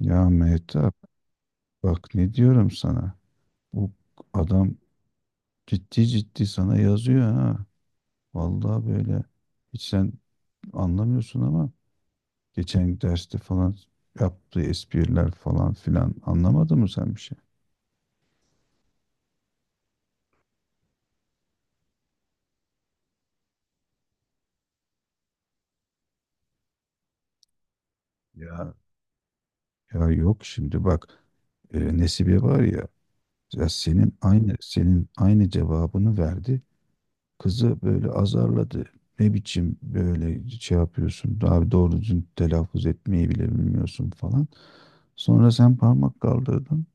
Ya Mehtap, bak ne diyorum sana. Bu adam ciddi ciddi sana yazıyor ha. Vallahi böyle. Hiç sen anlamıyorsun ama geçen derste falan yaptığı espriler falan filan anlamadın mı sen bir şey? Ya ya yok şimdi bak, Nesibe var ya, ya senin aynı cevabını verdi. Kızı böyle azarladı. Ne biçim böyle şey yapıyorsun? Abi doğru düzgün telaffuz etmeyi bile bilmiyorsun falan. Sonra sen parmak kaldırdın.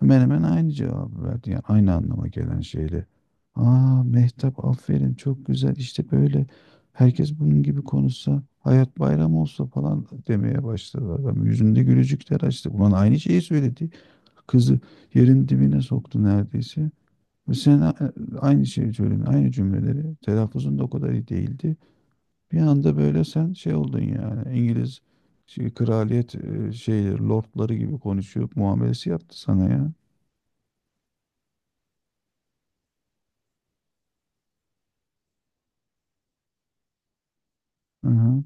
Hemen hemen aynı cevabı verdi. Yani aynı anlama gelen şeyle. Aa Mehtap, aferin, çok güzel, işte böyle herkes bunun gibi konuşsa hayat bayram olsa falan demeye başladı adam. Yüzünde gülücükler açtı. Ulan aynı şeyi söyledi. Kızı yerin dibine soktu neredeyse. Sen aynı şeyi söyledin, aynı cümleleri. Telaffuzun da o kadar iyi değildi. Bir anda böyle sen şey oldun yani İngiliz şey, kraliyet şeyleri, lordları gibi konuşuyor muamelesi yaptı sana ya. Hı hı.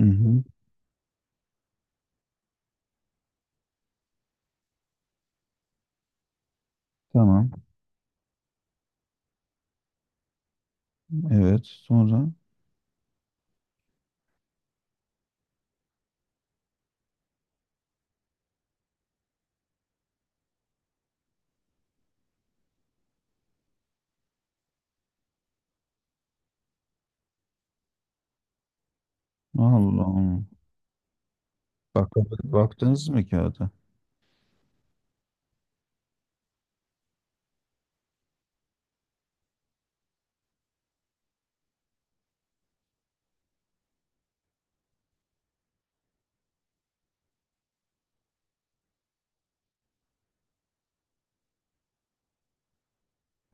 Hı hı. Tamam. Evet. Sonra Allah Allah. Bak, baktınız mı kağıda?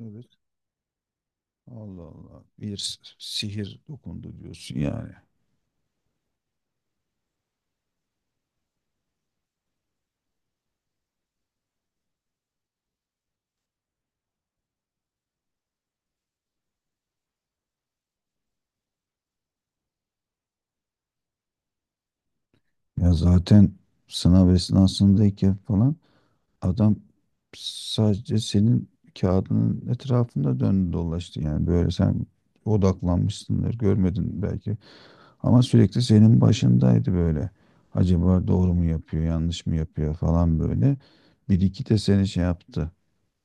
Evet. Allah Allah. Bir sihir dokundu diyorsun yani. Ya zaten sınav esnasındayken falan adam sadece senin kağıdının etrafında döndü dolaştı, yani böyle sen odaklanmışsındır, görmedin belki ama sürekli senin başındaydı, böyle acaba doğru mu yapıyor yanlış mı yapıyor falan, böyle bir iki de seni şey yaptı,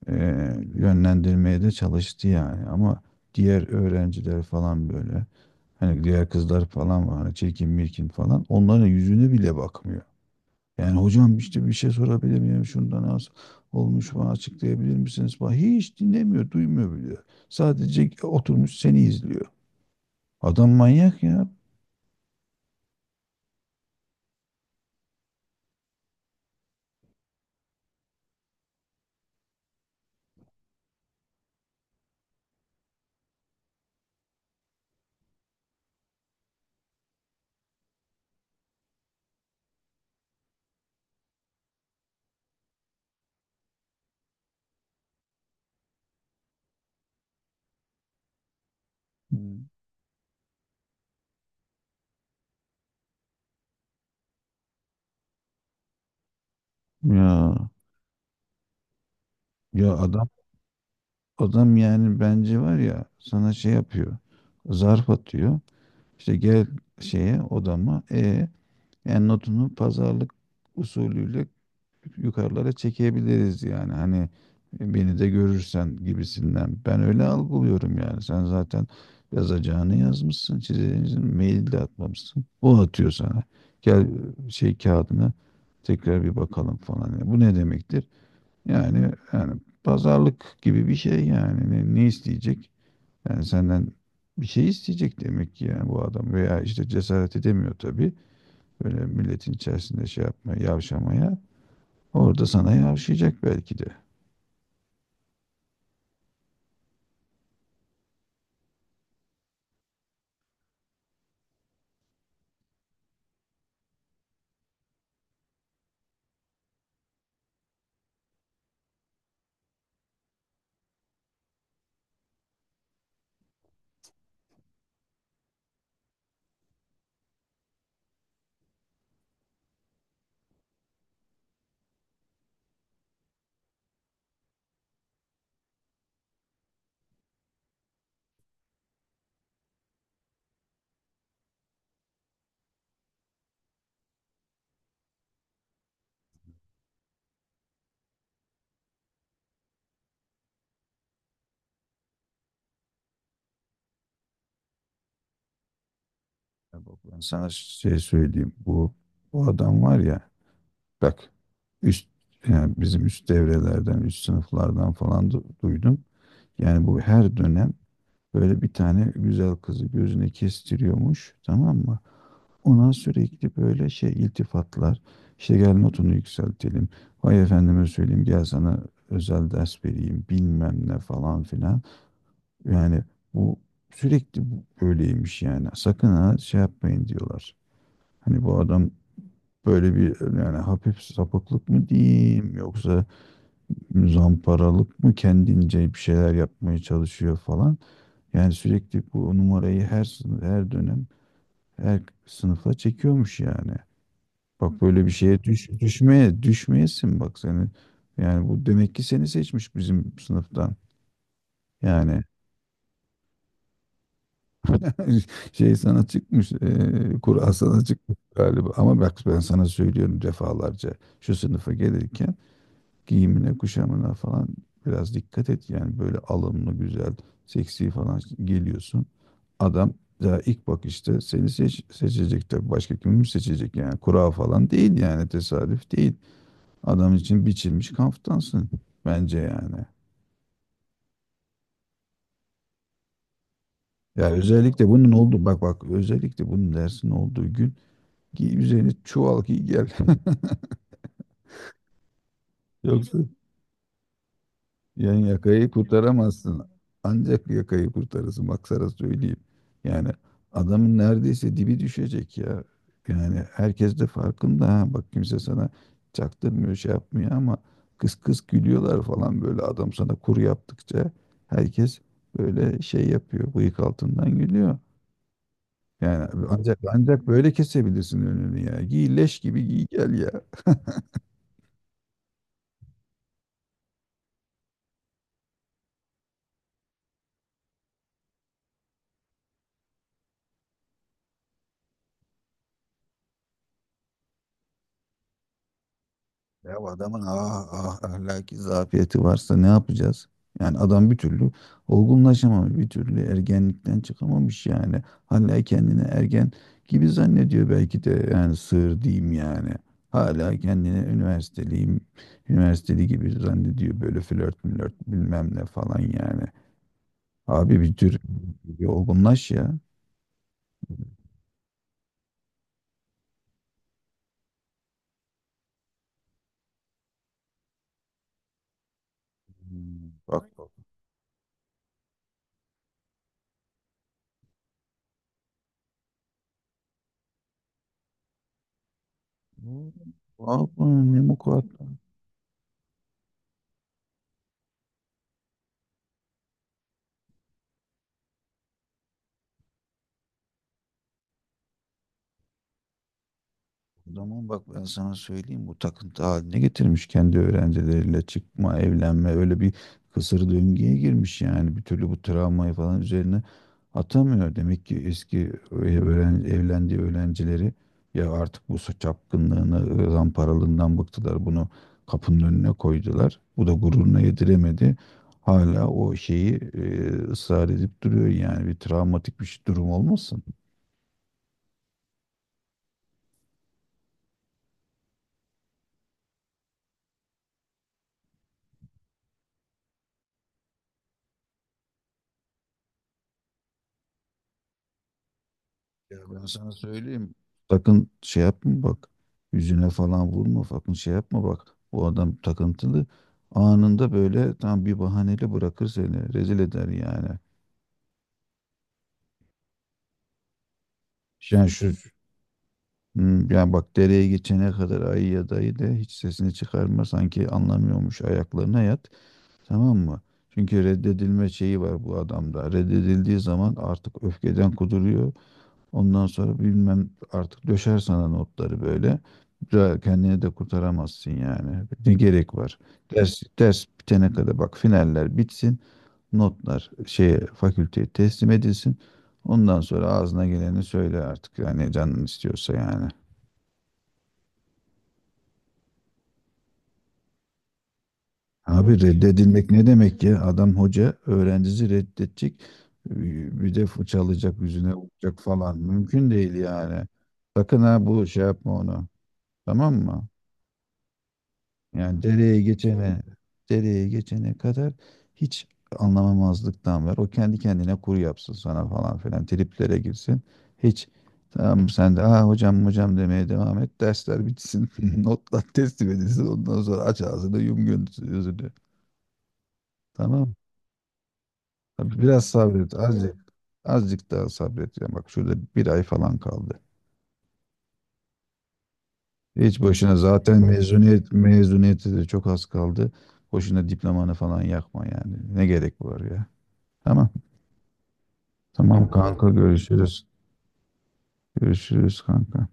yönlendirmeye de çalıştı yani. Ama diğer öğrenciler falan, böyle hani diğer kızlar falan var hani, çirkin mirkin falan, onların yüzüne bile bakmıyor. Yani hocam işte bir şey sorabilir miyim? Şundan az olmuş, bana açıklayabilir misiniz? Falan. Hiç dinlemiyor, duymuyor bile. Sadece oturmuş seni izliyor. Adam manyak ya. Ya Ya adam yani bence var ya, sana şey yapıyor. Zarf atıyor. İşte gel şeye, odama. E yani notunu pazarlık usulüyle yukarılara çekebiliriz yani hani, "E, beni de görürsen" gibisinden. Ben öyle algılıyorum yani. Sen zaten yazacağını yazmışsın, çizeceğini, mail de atmamışsın. O atıyor sana. Gel, şey, kağıdına tekrar bir bakalım falan. Yani bu ne demektir? Yani pazarlık gibi bir şey yani. Ne, ne isteyecek? Yani senden bir şey isteyecek demek ki yani, bu adam. Veya işte cesaret edemiyor tabii. Böyle milletin içerisinde şey yapmaya, yavşamaya. Orada sana yavşayacak belki de. Ya bak, ben sana şey söyleyeyim. Bu adam var ya bak, üst, yani bizim üst devrelerden, üst sınıflardan falan duydum. Yani bu her dönem böyle bir tane güzel kızı gözüne kestiriyormuş, tamam mı? Ona sürekli böyle şey, iltifatlar. İşte gel notunu yükseltelim. Vay efendime söyleyeyim, gel sana özel ders vereyim, bilmem ne falan filan. Yani bu sürekli böyleymiş yani. Sakın ha şey yapmayın diyorlar. Hani bu adam böyle bir yani hafif sapıklık mı diyeyim, yoksa zamparalık mı, kendince bir şeyler yapmaya çalışıyor falan. Yani sürekli bu numarayı her sınıf, her dönem, her sınıfa çekiyormuş yani. Bak böyle bir şeye düşmeye düşmeyesin bak seni. Yani bu demek ki seni seçmiş bizim sınıftan. Yani şey sana çıkmış, kura sana çıkmış galiba. Ama bak ben sana söylüyorum defalarca. Şu sınıfa gelirken giyimine, kuşamına falan biraz dikkat et. Yani böyle alımlı, güzel, seksi falan geliyorsun. Adam daha ilk bakışta seni seçecek tabii. Başka kimi seçecek yani? Kura falan değil yani, tesadüf değil. Adam için biçilmiş kaftansın bence yani. Ya özellikle bunun oldu, bak bak özellikle bunun dersin olduğu gün giy, üzerini çuval giy gel. Yoksa yani yakayı kurtaramazsın. Ancak yakayı kurtarırsın. Bak sana söyleyeyim. Yani adamın neredeyse dibi düşecek ya. Yani herkes de farkında ha. Bak kimse sana çaktırmıyor, şey yapmıyor, ama kıs kıs gülüyorlar falan, böyle adam sana kuru yaptıkça herkes böyle şey yapıyor. Bıyık altından gülüyor. Yani ancak böyle kesebilirsin önünü ya. Giy leş gibi giy gel ya. Ya bu adamın ahlaki zafiyeti varsa ne yapacağız? Yani adam bir türlü olgunlaşamamış, bir türlü ergenlikten çıkamamış yani. Hala kendini ergen gibi zannediyor belki de, yani sığır diyeyim yani. Hala kendini üniversiteli gibi zannediyor, böyle flört mülört bilmem ne falan yani. Abi bir olgunlaş ya. Hmm. Bak. Hmm, Vallahi ne mukadder. O zaman bak, ben sana söyleyeyim, bu takıntı haline getirmiş kendi öğrencileriyle çıkma, evlenme, öyle bir kısır döngüye girmiş yani, bir türlü bu travmayı falan üzerine atamıyor. Demek ki evlendiği öğrencileri ya artık bu çapkınlığını, zamparalığından bıktılar, bunu kapının önüne koydular. Bu da gururuna yediremedi. Hala o şeyi ısrar edip duruyor yani, bir travmatik bir durum olmasın. Ya ben sana söyleyeyim. Sakın şey yapma bak. Yüzüne falan vurma. Sakın şey yapma bak. Bu adam takıntılı. Anında böyle tam bir bahaneyle bırakır seni. Rezil eder yani. Yani şu, yani bak, dereye geçene kadar ayı ya dayı de, hiç sesini çıkarma, sanki anlamıyormuş ayaklarına yat, tamam mı? Çünkü reddedilme şeyi var bu adamda. Reddedildiği zaman artık öfkeden kuduruyor. Ondan sonra bilmem artık, döşer sana notları böyle. Kendini de kurtaramazsın yani. Ne gerek var? Ders bitene kadar bak, finaller bitsin. Notlar şeye, fakülteye teslim edilsin. Ondan sonra ağzına geleni söyle artık. Yani canın istiyorsa yani. Abi reddedilmek ne demek ya? Adam hoca, öğrencisi reddedecek. Bir de fırçalayacak, yüzüne vuracak falan. Mümkün değil yani. Sakın ha bu şey yapma onu. Tamam mı? Yani dereye geçene kadar hiç anlamamazlıktan ver. O kendi kendine kur yapsın sana falan filan. Triplere girsin. Hiç, tamam, sen de ah hocam hocam demeye devam et. Dersler bitsin. Notlar teslim edilsin. Ondan sonra aç ağzını yum gözünü. Tamam. Tabii. Biraz sabret. Azıcık, azıcık daha sabret. Ya bak şurada bir ay falan kaldı. Hiç boşuna zaten mezuniyeti de çok az kaldı. Boşuna diplomanı falan yakma yani. Ne gerek var ya? Tamam. Tamam kanka, görüşürüz. Görüşürüz kanka.